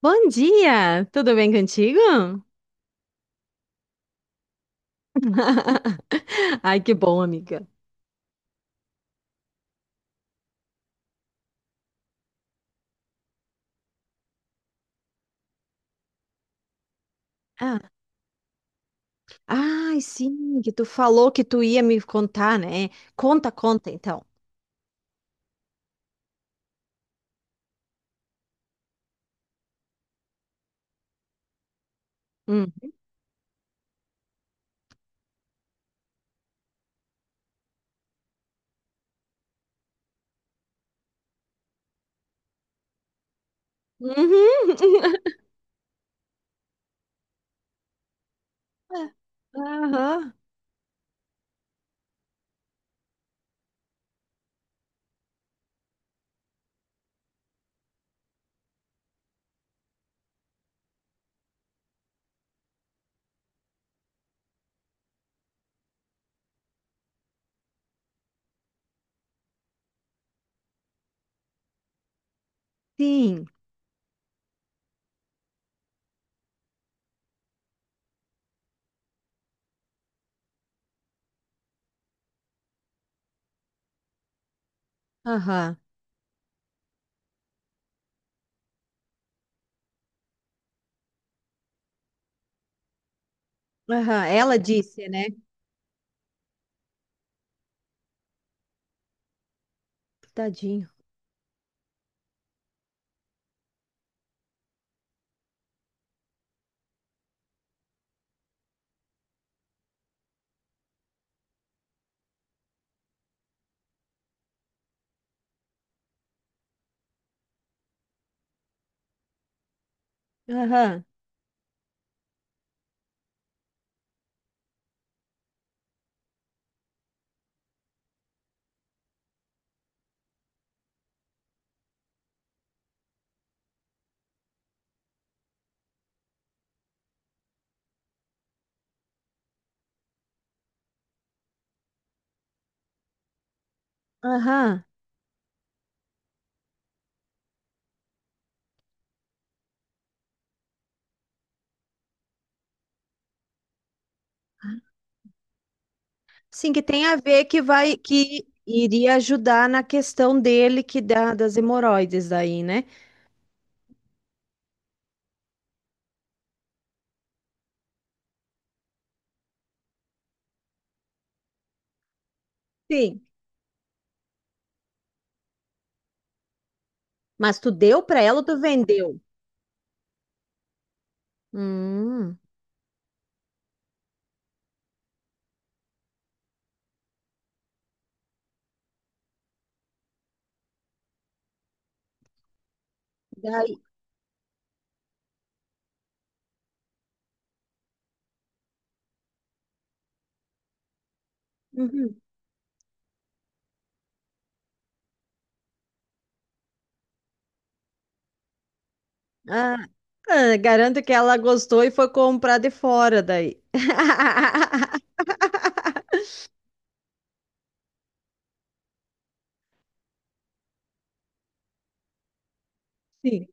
Bom dia! Tudo bem contigo? Ai, que bom, amiga. Ah, sim, que tu falou que tu ia me contar, né? Conta, conta, então. Hum. Uhum. Aham, sim. Aham, aham. Ela disse, né? Tadinho. Aham, aham. Sim, que tem a ver que vai, que iria ajudar na questão dele, que dá das hemorroides daí, né? Sim. Mas tu deu pra ela ou tu vendeu? Hum. Daí. Uhum. Ah, ah, garanto que ela gostou e foi comprar de fora daí. Sim.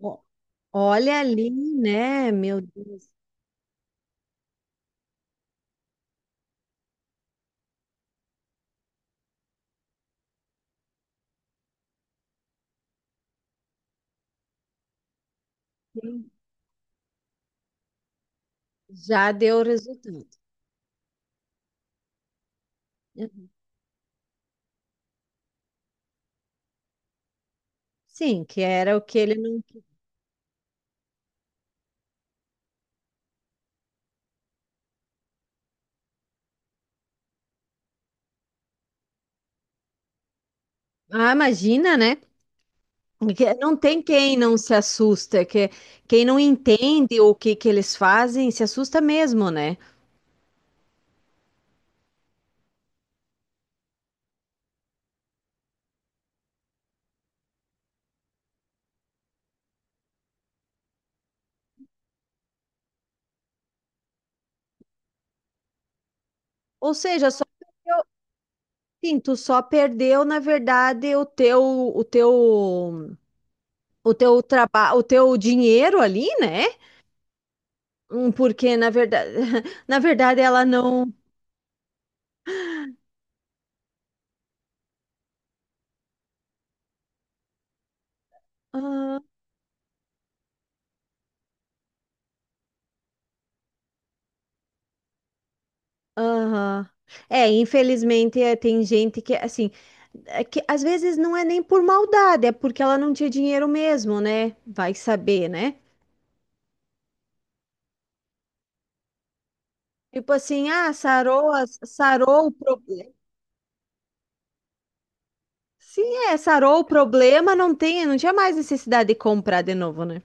Ó. Olha ali, né? Meu Deus, sim, já deu resultado. Sim, que era o que ele não. Ah, imagina, né? Que não tem quem não se assusta, que quem não entende o que que eles fazem se assusta mesmo, né? Ou seja, só assim, tu só perdeu, na verdade, o teu o teu trabalho, o teu dinheiro ali, né? Hum. Porque na verdade, na verdade ela não. Ah, aham. É, infelizmente é, tem gente que assim, é que às vezes não é nem por maldade, é porque ela não tinha dinheiro mesmo, né? Vai saber, né? Tipo assim, ah, sarou, sarou o problema. Sim, é, sarou o problema, não tem, não tinha mais necessidade de comprar de novo, né?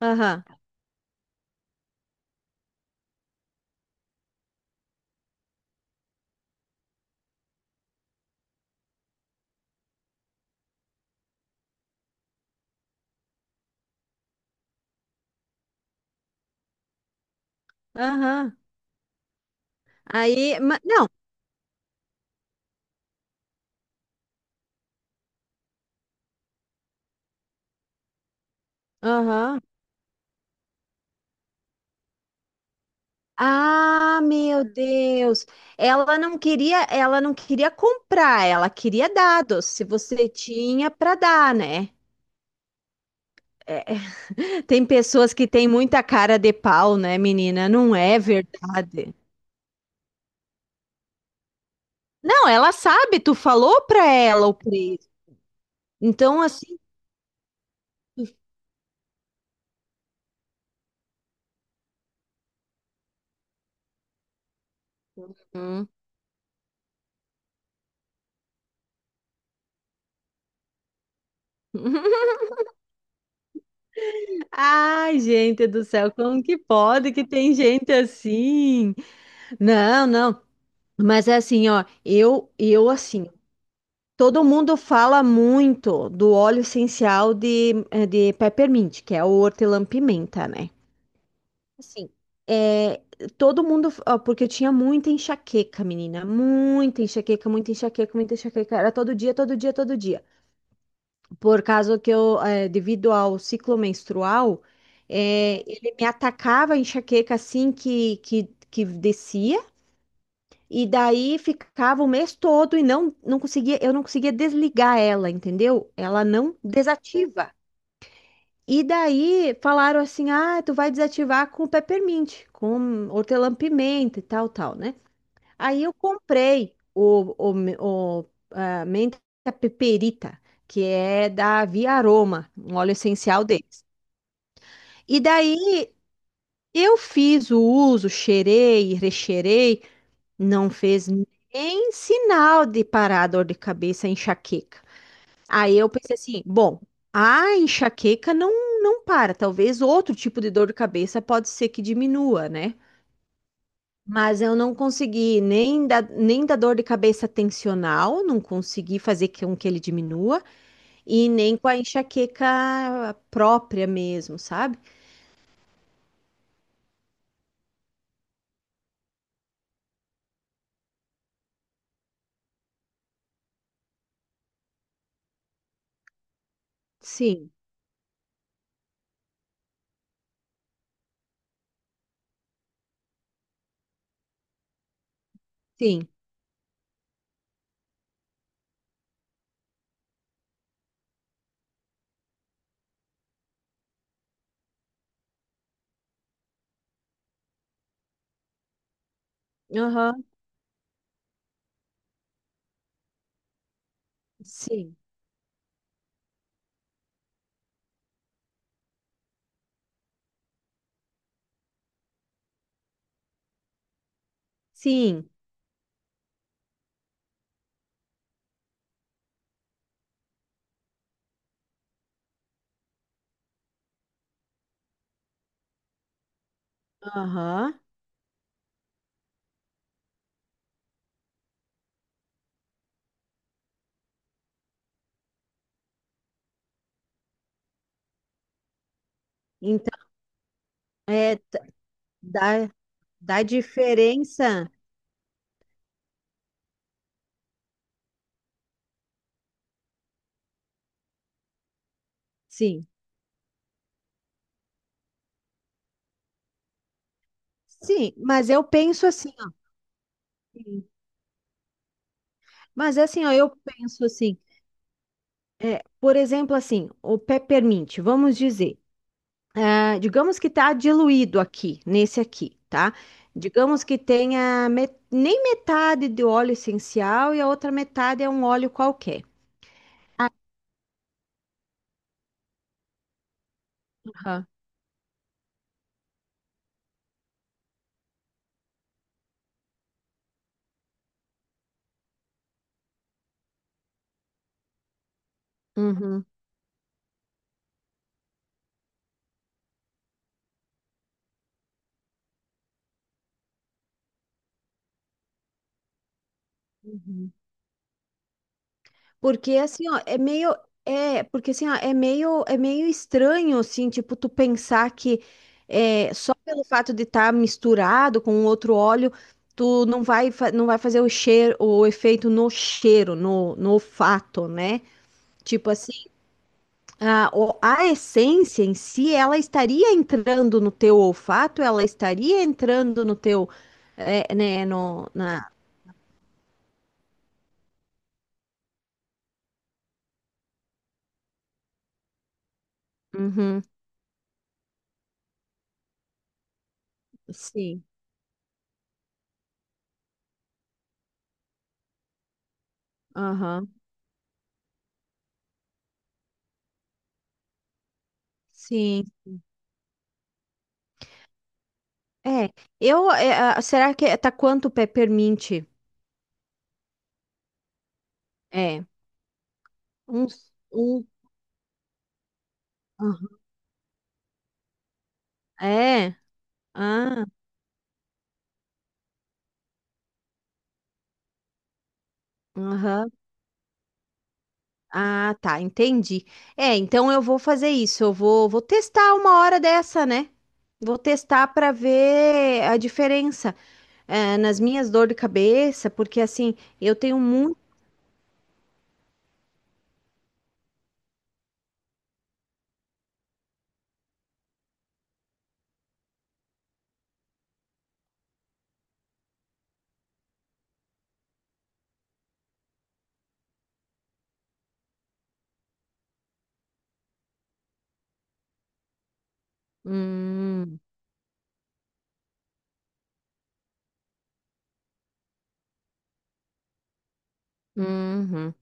Aham. Aham. Não. Aham. Ah, meu Deus. Ela não queria comprar, ela queria dados. Se você tinha para dar, né? É, tem pessoas que têm muita cara de pau, né, menina? Não é verdade. Não, ela sabe, tu falou para ela o preço. Então, assim, hum. Ai, gente do céu, como que pode que tem gente assim? Não, não. Mas assim, ó, eu assim, todo mundo fala muito do óleo essencial de, de peppermint, que é o hortelã-pimenta, né? Assim, é, todo mundo, ó, porque eu tinha muita enxaqueca, menina, muita enxaqueca, muita enxaqueca, muita enxaqueca, era todo dia, todo dia, todo dia. Por causa que eu, devido ao ciclo menstrual, ele me atacava a enxaqueca assim que descia. E daí ficava o mês todo e não conseguia, eu não conseguia desligar ela, entendeu? Ela não desativa. E daí falaram assim: "Ah, tu vai desativar com peppermint, com hortelã-pimenta e tal, tal, né?" Aí eu comprei o, me- o a menta peperita, que é da Via Aroma, um óleo essencial deles. E daí eu fiz o uso, cheirei, recheirei. Não fez nem sinal de parar a dor de cabeça, a enxaqueca. Aí eu pensei assim, bom, a enxaqueca não para, talvez outro tipo de dor de cabeça pode ser que diminua, né? Mas eu não consegui nem da dor de cabeça tensional, não consegui fazer com que ele diminua, e nem com a enxaqueca própria mesmo, sabe? Sim, sim, aham, sim, sim, aham. Então, é, dá. Da diferença, sim. Sim, mas eu penso assim, ó. Mas assim, ó, eu penso assim, é, por exemplo, assim, o peppermint, vamos dizer, ah, digamos que tá diluído aqui, nesse aqui, tá? Digamos que tenha nem metade de óleo essencial e a outra metade é um óleo qualquer. Aham. Uhum. Uhum. Porque assim, ó, porque assim, ó, é meio estranho assim, tipo tu pensar que é, só pelo fato de estar misturado com outro óleo, tu não não vai fazer o cheiro, o efeito no cheiro, no olfato, né? Tipo assim, a essência em si, ela estaria entrando no teu olfato, ela estaria entrando no teu, é, né, no, na. Uhum, sim, aham, sim. É, eu, é, será que é, tá quanto o peppermint? É, uns, um, aham. É, ah, aham, ah, tá, entendi. É, então eu vou fazer isso, eu vou, vou testar uma hora dessa, né? Vou testar para ver a diferença, é, nas minhas dores de cabeça, porque assim, eu tenho muito... Hum, uhum.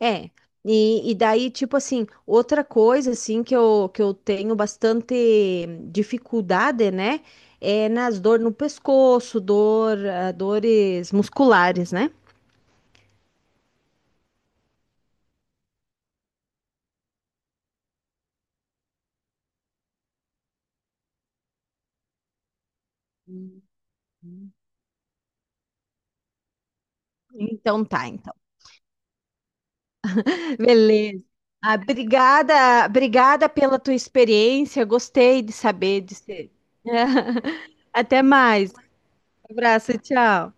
É, e daí, tipo assim, outra coisa, assim, que eu tenho bastante dificuldade, né, é nas dores no pescoço, dor, ah, dores musculares, né? Então tá, então. Beleza. Ah, obrigada, obrigada pela tua experiência, gostei de saber de ser. Até mais. Um abraço, tchau.